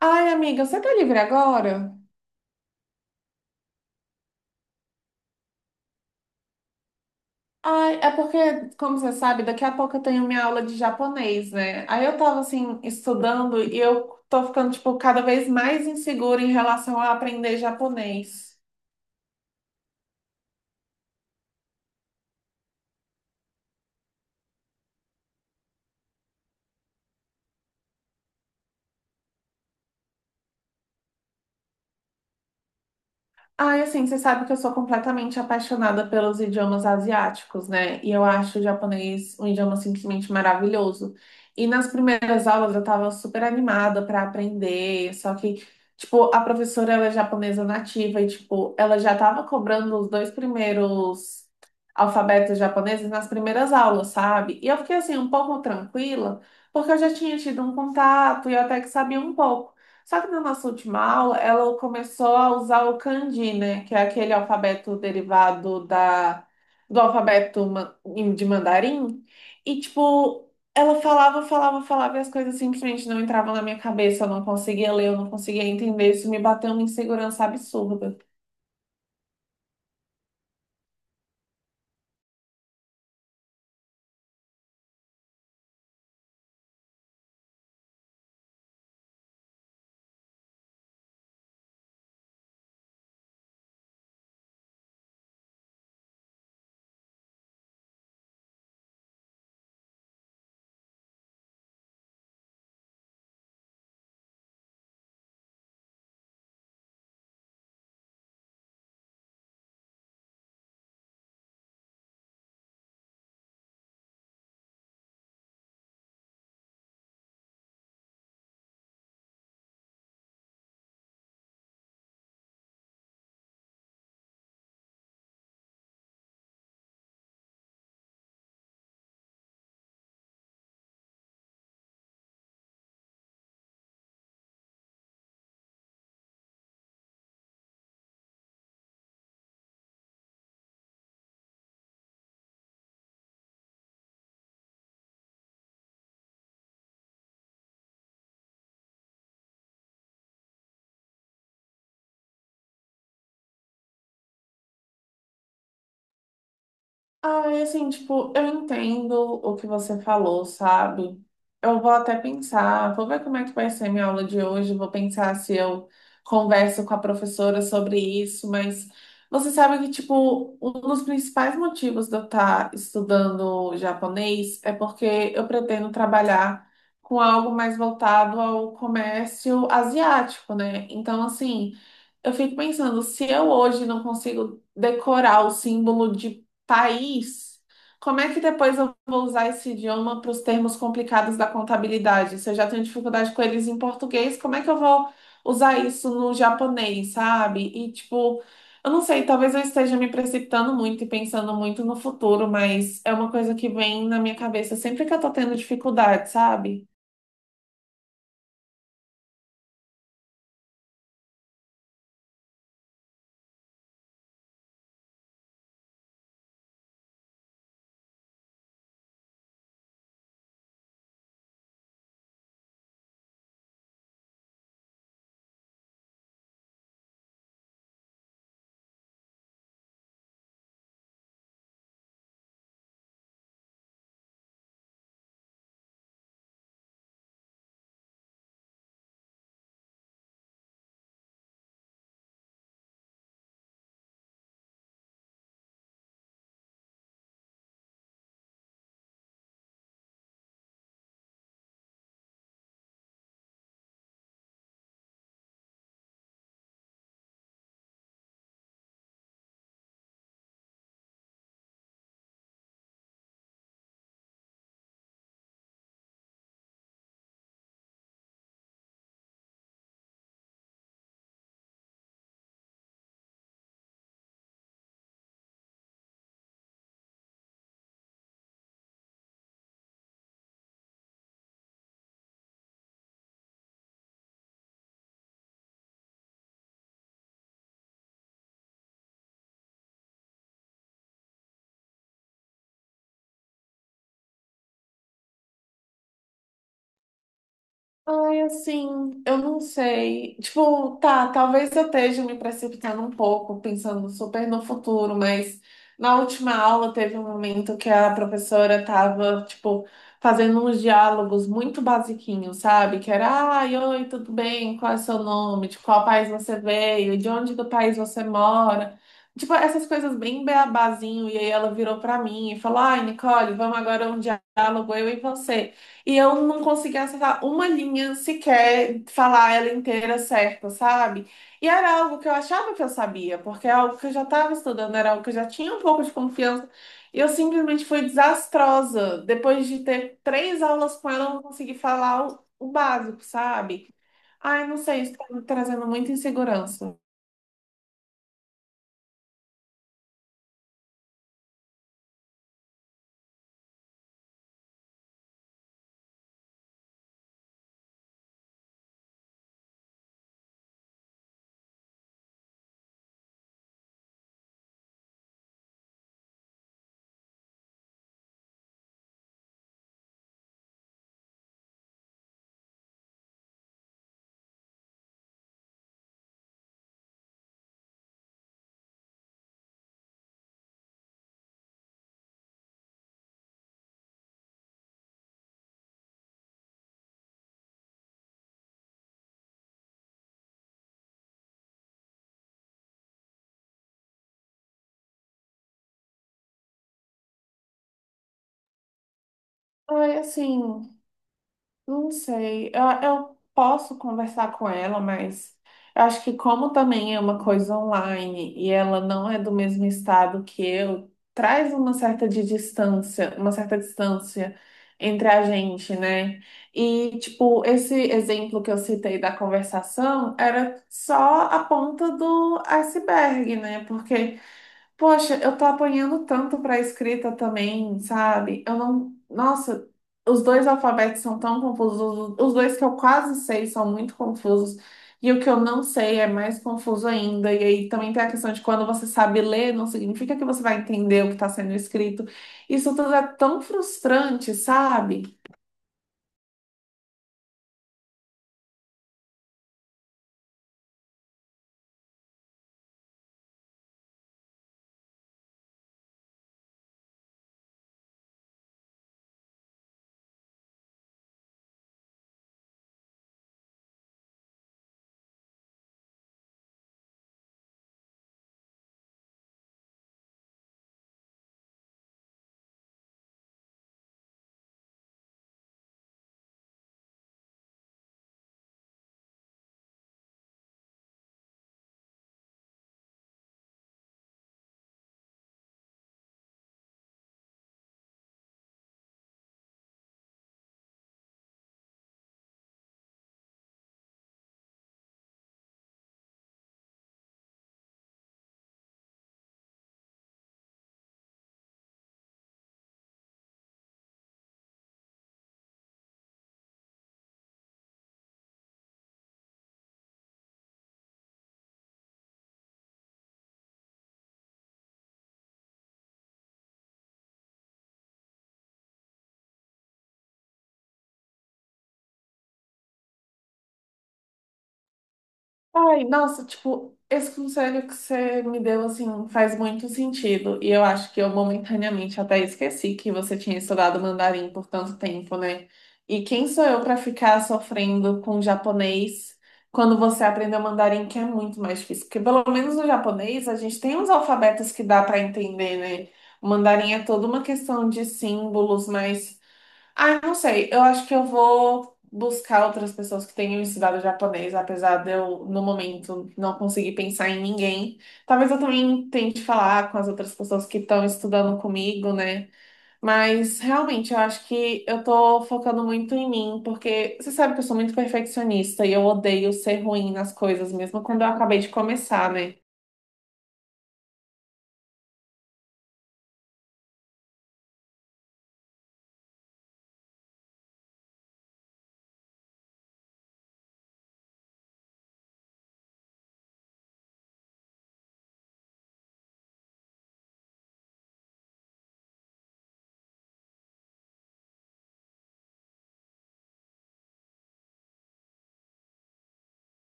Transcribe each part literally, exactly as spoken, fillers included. Ai, amiga, você tá livre agora? Ai, é porque, como você sabe, daqui a pouco eu tenho minha aula de japonês, né? Aí eu tava assim, estudando e eu tô ficando, tipo, cada vez mais insegura em relação a aprender japonês. Ai, assim, você sabe que eu sou completamente apaixonada pelos idiomas asiáticos, né? E eu acho o japonês um idioma simplesmente maravilhoso. E nas primeiras aulas eu tava super animada para aprender, só que, tipo, a professora ela é japonesa nativa e, tipo, ela já tava cobrando os dois primeiros alfabetos japoneses nas primeiras aulas, sabe? E eu fiquei, assim, um pouco tranquila, porque eu já tinha tido um contato e eu até que sabia um pouco. Só que na nossa última aula, ela começou a usar o kanji, né? Que é aquele alfabeto derivado da, do alfabeto ma- de mandarim. E, tipo, ela falava, falava, falava e as coisas simplesmente não entravam na minha cabeça. Eu não conseguia ler, eu não conseguia entender. Isso me bateu uma insegurança absurda. Ai, assim, tipo, eu entendo o que você falou, sabe? Eu vou até pensar, vou ver como é que vai ser minha aula de hoje, vou pensar se eu converso com a professora sobre isso, mas você sabe que, tipo, um dos principais motivos de eu estar estudando japonês é porque eu pretendo trabalhar com algo mais voltado ao comércio asiático, né? Então, assim, eu fico pensando, se eu hoje não consigo decorar o símbolo de país, como é que depois eu vou usar esse idioma para os termos complicados da contabilidade? Se eu já tenho dificuldade com eles em português, como é que eu vou usar isso no japonês, sabe? E tipo, eu não sei, talvez eu esteja me precipitando muito e pensando muito no futuro, mas é uma coisa que vem na minha cabeça sempre que eu tô tendo dificuldade, sabe? Ai, assim, eu não sei. Tipo, tá, talvez eu esteja me precipitando um pouco, pensando super no futuro, mas na última aula teve um momento que a professora tava, tipo, fazendo uns diálogos muito basiquinhos, sabe? Que era, ai, oi, tudo bem? Qual é o seu nome? De qual país você veio? De onde do país você mora? Tipo, essas coisas bem beabazinho. E aí ela virou pra mim e falou, ai, Nicole, vamos agora um diálogo, eu e você. E eu não conseguia acertar uma linha sequer, falar ela inteira certa, sabe? E era algo que eu achava que eu sabia, porque é algo que eu já estava estudando, era algo que eu já tinha um pouco de confiança. E eu simplesmente fui desastrosa. Depois de ter três aulas com ela, eu não consegui falar o, o básico, sabe? Ai, não sei, isso tá me trazendo muita insegurança. Ai, assim. Não sei, eu, eu posso conversar com ela, mas eu acho que como também é uma coisa online e ela não é do mesmo estado que eu, traz uma certa de distância, uma certa distância entre a gente, né? E tipo, esse exemplo que eu citei da conversação era só a ponta do iceberg, né? Porque poxa, eu tô apanhando tanto pra escrita também, sabe? Eu não. Nossa, os dois alfabetos são tão confusos. Os dois que eu quase sei são muito confusos. E o que eu não sei é mais confuso ainda. E aí também tem a questão de quando você sabe ler, não significa que você vai entender o que está sendo escrito. Isso tudo é tão frustrante, sabe? Ai, nossa, tipo, esse conselho que você me deu, assim, faz muito sentido. E eu acho que eu momentaneamente até esqueci que você tinha estudado mandarim por tanto tempo, né? E quem sou eu para ficar sofrendo com japonês quando você aprendeu mandarim, que é muito mais difícil? Porque pelo menos no japonês a gente tem uns alfabetos que dá para entender, né? O mandarim é toda uma questão de símbolos mais ah, não sei. Eu acho que eu vou buscar outras pessoas que tenham estudado japonês, apesar de eu, no momento, não conseguir pensar em ninguém. Talvez eu também tente falar com as outras pessoas que estão estudando comigo, né? Mas realmente eu acho que eu tô focando muito em mim, porque você sabe que eu sou muito perfeccionista e eu odeio ser ruim nas coisas, mesmo quando eu acabei de começar, né?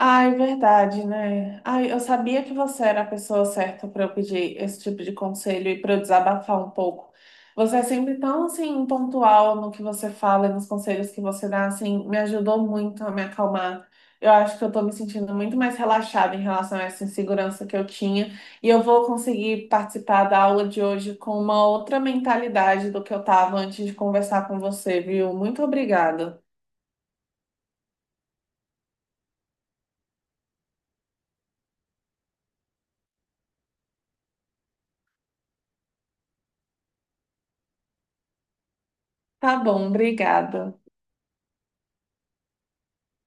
Ai, verdade, né? Ai, eu sabia que você era a pessoa certa para eu pedir esse tipo de conselho e para eu desabafar um pouco. Você é sempre tão assim pontual no que você fala e nos conselhos que você dá, assim, me ajudou muito a me acalmar. Eu acho que eu tô me sentindo muito mais relaxada em relação a essa insegurança que eu tinha e eu vou conseguir participar da aula de hoje com uma outra mentalidade do que eu tava antes de conversar com você, viu? Muito obrigada. Tá bom, obrigada.